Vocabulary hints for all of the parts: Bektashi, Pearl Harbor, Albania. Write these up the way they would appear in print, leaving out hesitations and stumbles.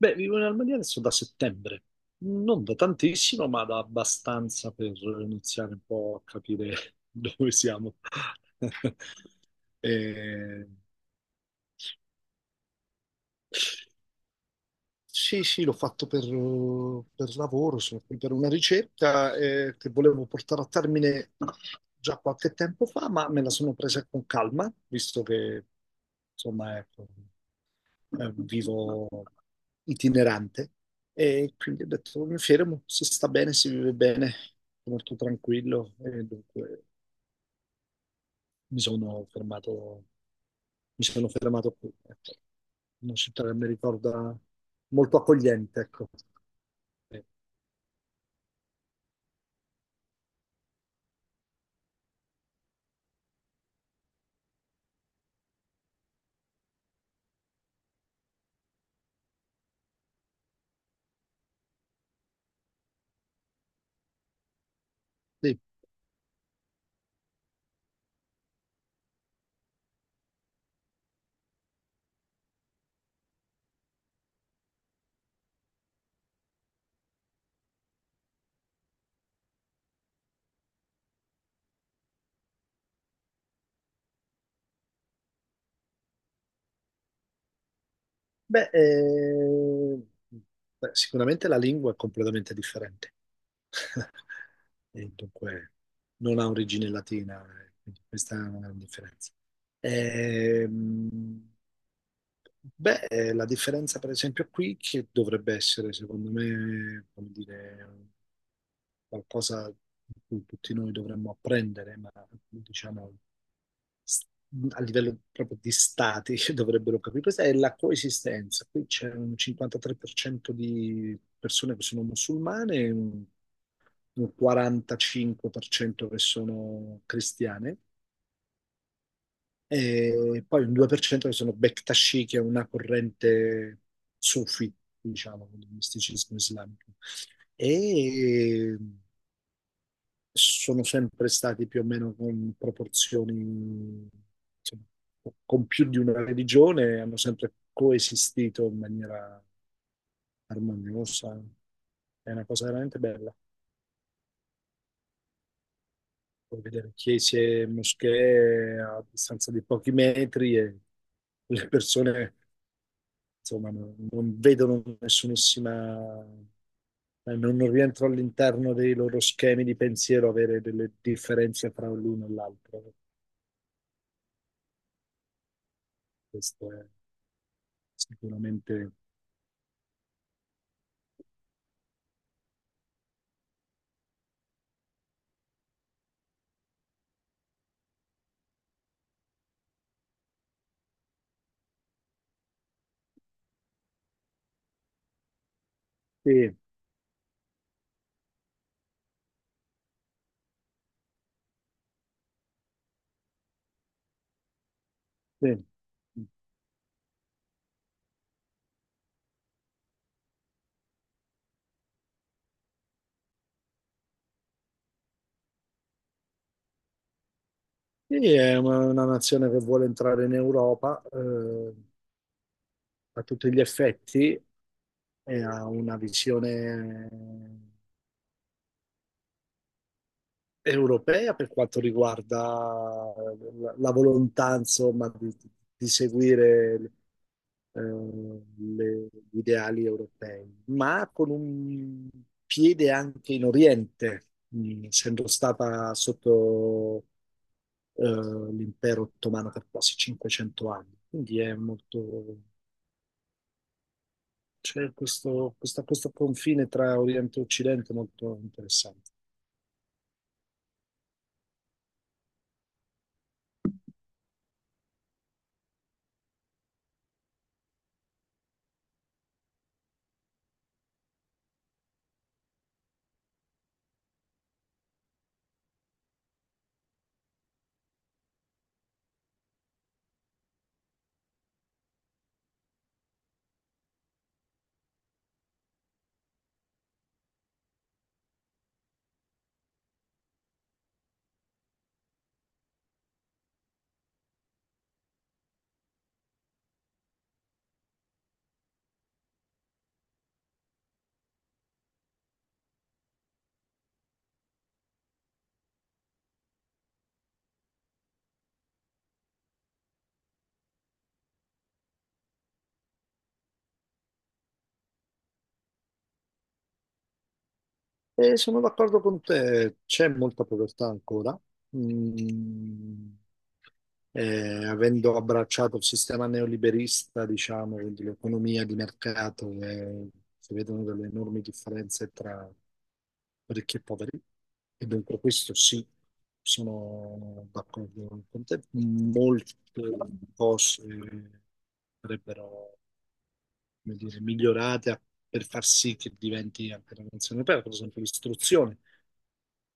Beh, vivo in Albania adesso da settembre, non da tantissimo, ma da abbastanza per iniziare un po' a capire dove siamo. Eh, sì, sì, l'ho fatto per lavoro, sono qui per una ricerca che volevo portare a termine già qualche tempo fa, ma me la sono presa con calma, visto che, insomma, ecco. Vivo itinerante e quindi ho detto mi fermo, si sta bene, si vive bene, molto tranquillo e dunque mi sono fermato, mi sono fermato qui. Ecco. Una città che mi ricorda molto accogliente, ecco. Eh, sì. Beh, eh, Beh, sicuramente la lingua è completamente differente. E dunque non ha origine latina, quindi questa è una grande differenza. Ehm, Beh, la differenza per esempio qui, che dovrebbe essere secondo me, come dire, qualcosa di cui tutti noi dovremmo apprendere, ma diciamo s- a livello proprio di stati che dovrebbero capire, questa è la coesistenza. Qui c'è un 53% di persone che sono musulmane e un 45% che sono cristiane e poi un 2% che sono Bektashi, che è una corrente sufi, diciamo, del misticismo islamico. E sono sempre stati più o meno con proporzioni, insomma, con più di una religione, hanno sempre coesistito in maniera armoniosa. È una cosa veramente bella. Puoi vedere chiese e moschee a distanza di pochi metri e le persone, insomma, non vedono nessunissima, non rientro all'interno dei loro schemi di pensiero avere delle differenze fra l'uno e l'altro. Questo è sicuramente... Sì, sì. Sì, è una nazione che vuole entrare in Europa, a tutti gli effetti e ha una visione europea per quanto riguarda la, la volontà, insomma, di seguire gli ideali europei, ma con un piede anche in Oriente, essendo stata sotto eh, l'impero ottomano per quasi 500 anni. Quindi è molto, c'è questo, questo confine tra Oriente e Occidente molto interessante. E sono d'accordo con te, c'è molta povertà ancora. Mm, avendo abbracciato il sistema neoliberista, diciamo, quindi l'economia di mercato, si vedono delle enormi differenze tra ricchi e poveri, e dunque questo sì, sono d'accordo con te. Molte cose sarebbero, come dire, migliorate per far sì che diventi anche una nazione aperta, per esempio l'istruzione.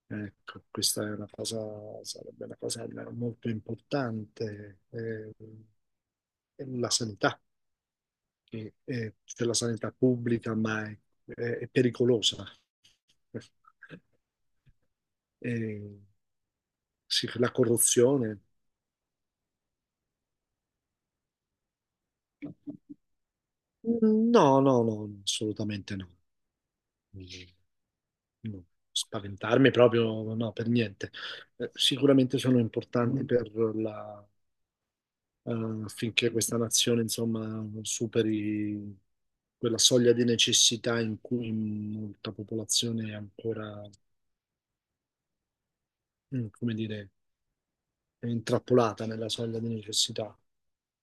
Ecco, questa è una cosa, sarebbe una cosa molto importante. La sanità, c'è la sanità pubblica, ma è, è pericolosa. Eh, sì, la corruzione? No, no, no, assolutamente no. No. Spaventarmi proprio, no, per niente. Sicuramente sono importanti per la affinché questa nazione, insomma, superi quella soglia di necessità in cui molta popolazione è ancora, mm, come dire, è intrappolata nella soglia di necessità,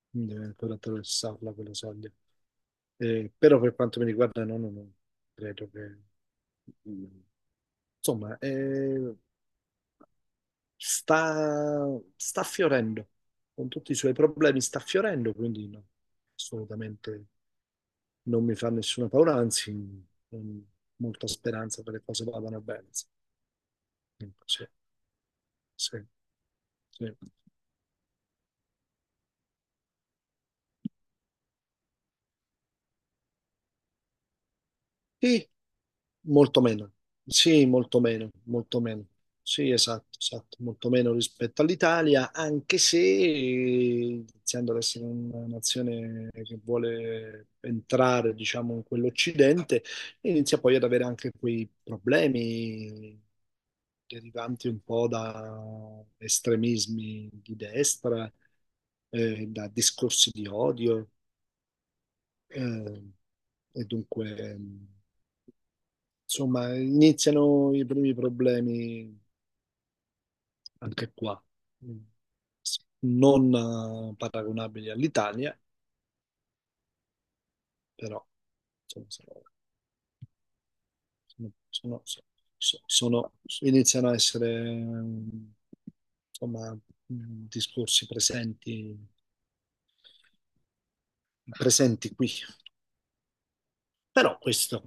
quindi deve ancora attraversarla quella soglia. Però per quanto mi riguarda, no, no, no, credo che, mm, insomma, sta, sta fiorendo, con tutti i suoi problemi sta fiorendo, quindi no, assolutamente non mi fa nessuna paura, anzi, con molta speranza che le cose vadano bene. Sì, sì, sì. E molto meno, sì, molto meno, molto meno. Sì, esatto, esatto, molto meno rispetto all'Italia, anche se iniziando ad essere una nazione che vuole entrare, diciamo, in quell'Occidente, inizia poi ad avere anche quei problemi derivanti un po' da estremismi di destra, da discorsi di odio, eh, e dunque... Insomma, iniziano i primi problemi anche qua, non paragonabili all'Italia, però insomma, sono, sono- sono- sono, iniziano a essere mm, insomma, mm, discorsi presenti, presenti qui. Però questo,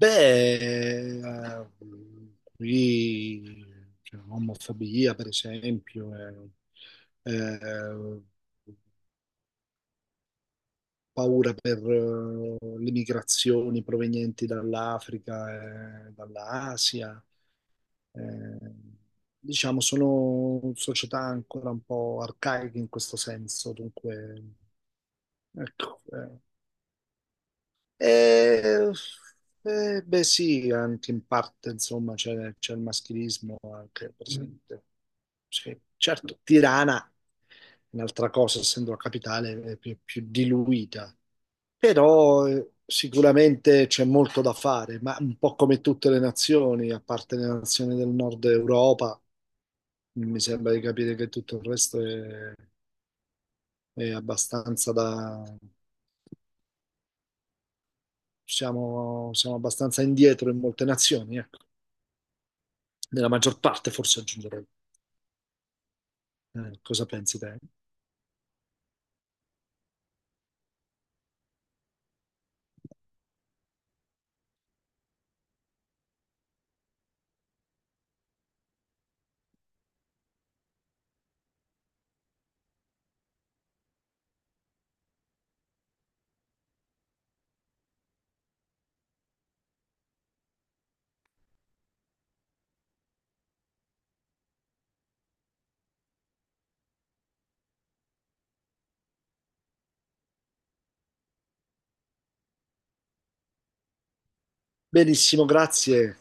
beh, eh, qui c'è omofobia, per esempio, eh, eh, paura per le migrazioni provenienti dall'Africa e dall'Asia. Eh, diciamo, sono società ancora un po' arcaiche in questo senso, dunque, ecco. Eh. E, beh, sì, anche in parte, insomma, c'è il maschilismo anche presente. Sì, certo, Tirana, è un'altra cosa, essendo la capitale, è più diluita. Però sicuramente c'è molto da fare, ma un po' come tutte le nazioni, a parte le nazioni del nord Europa, mi sembra di capire che tutto il resto è abbastanza da... Siamo, siamo abbastanza indietro in molte nazioni, ecco. Nella maggior parte, forse aggiungerei. Cosa pensi te? Benissimo, grazie.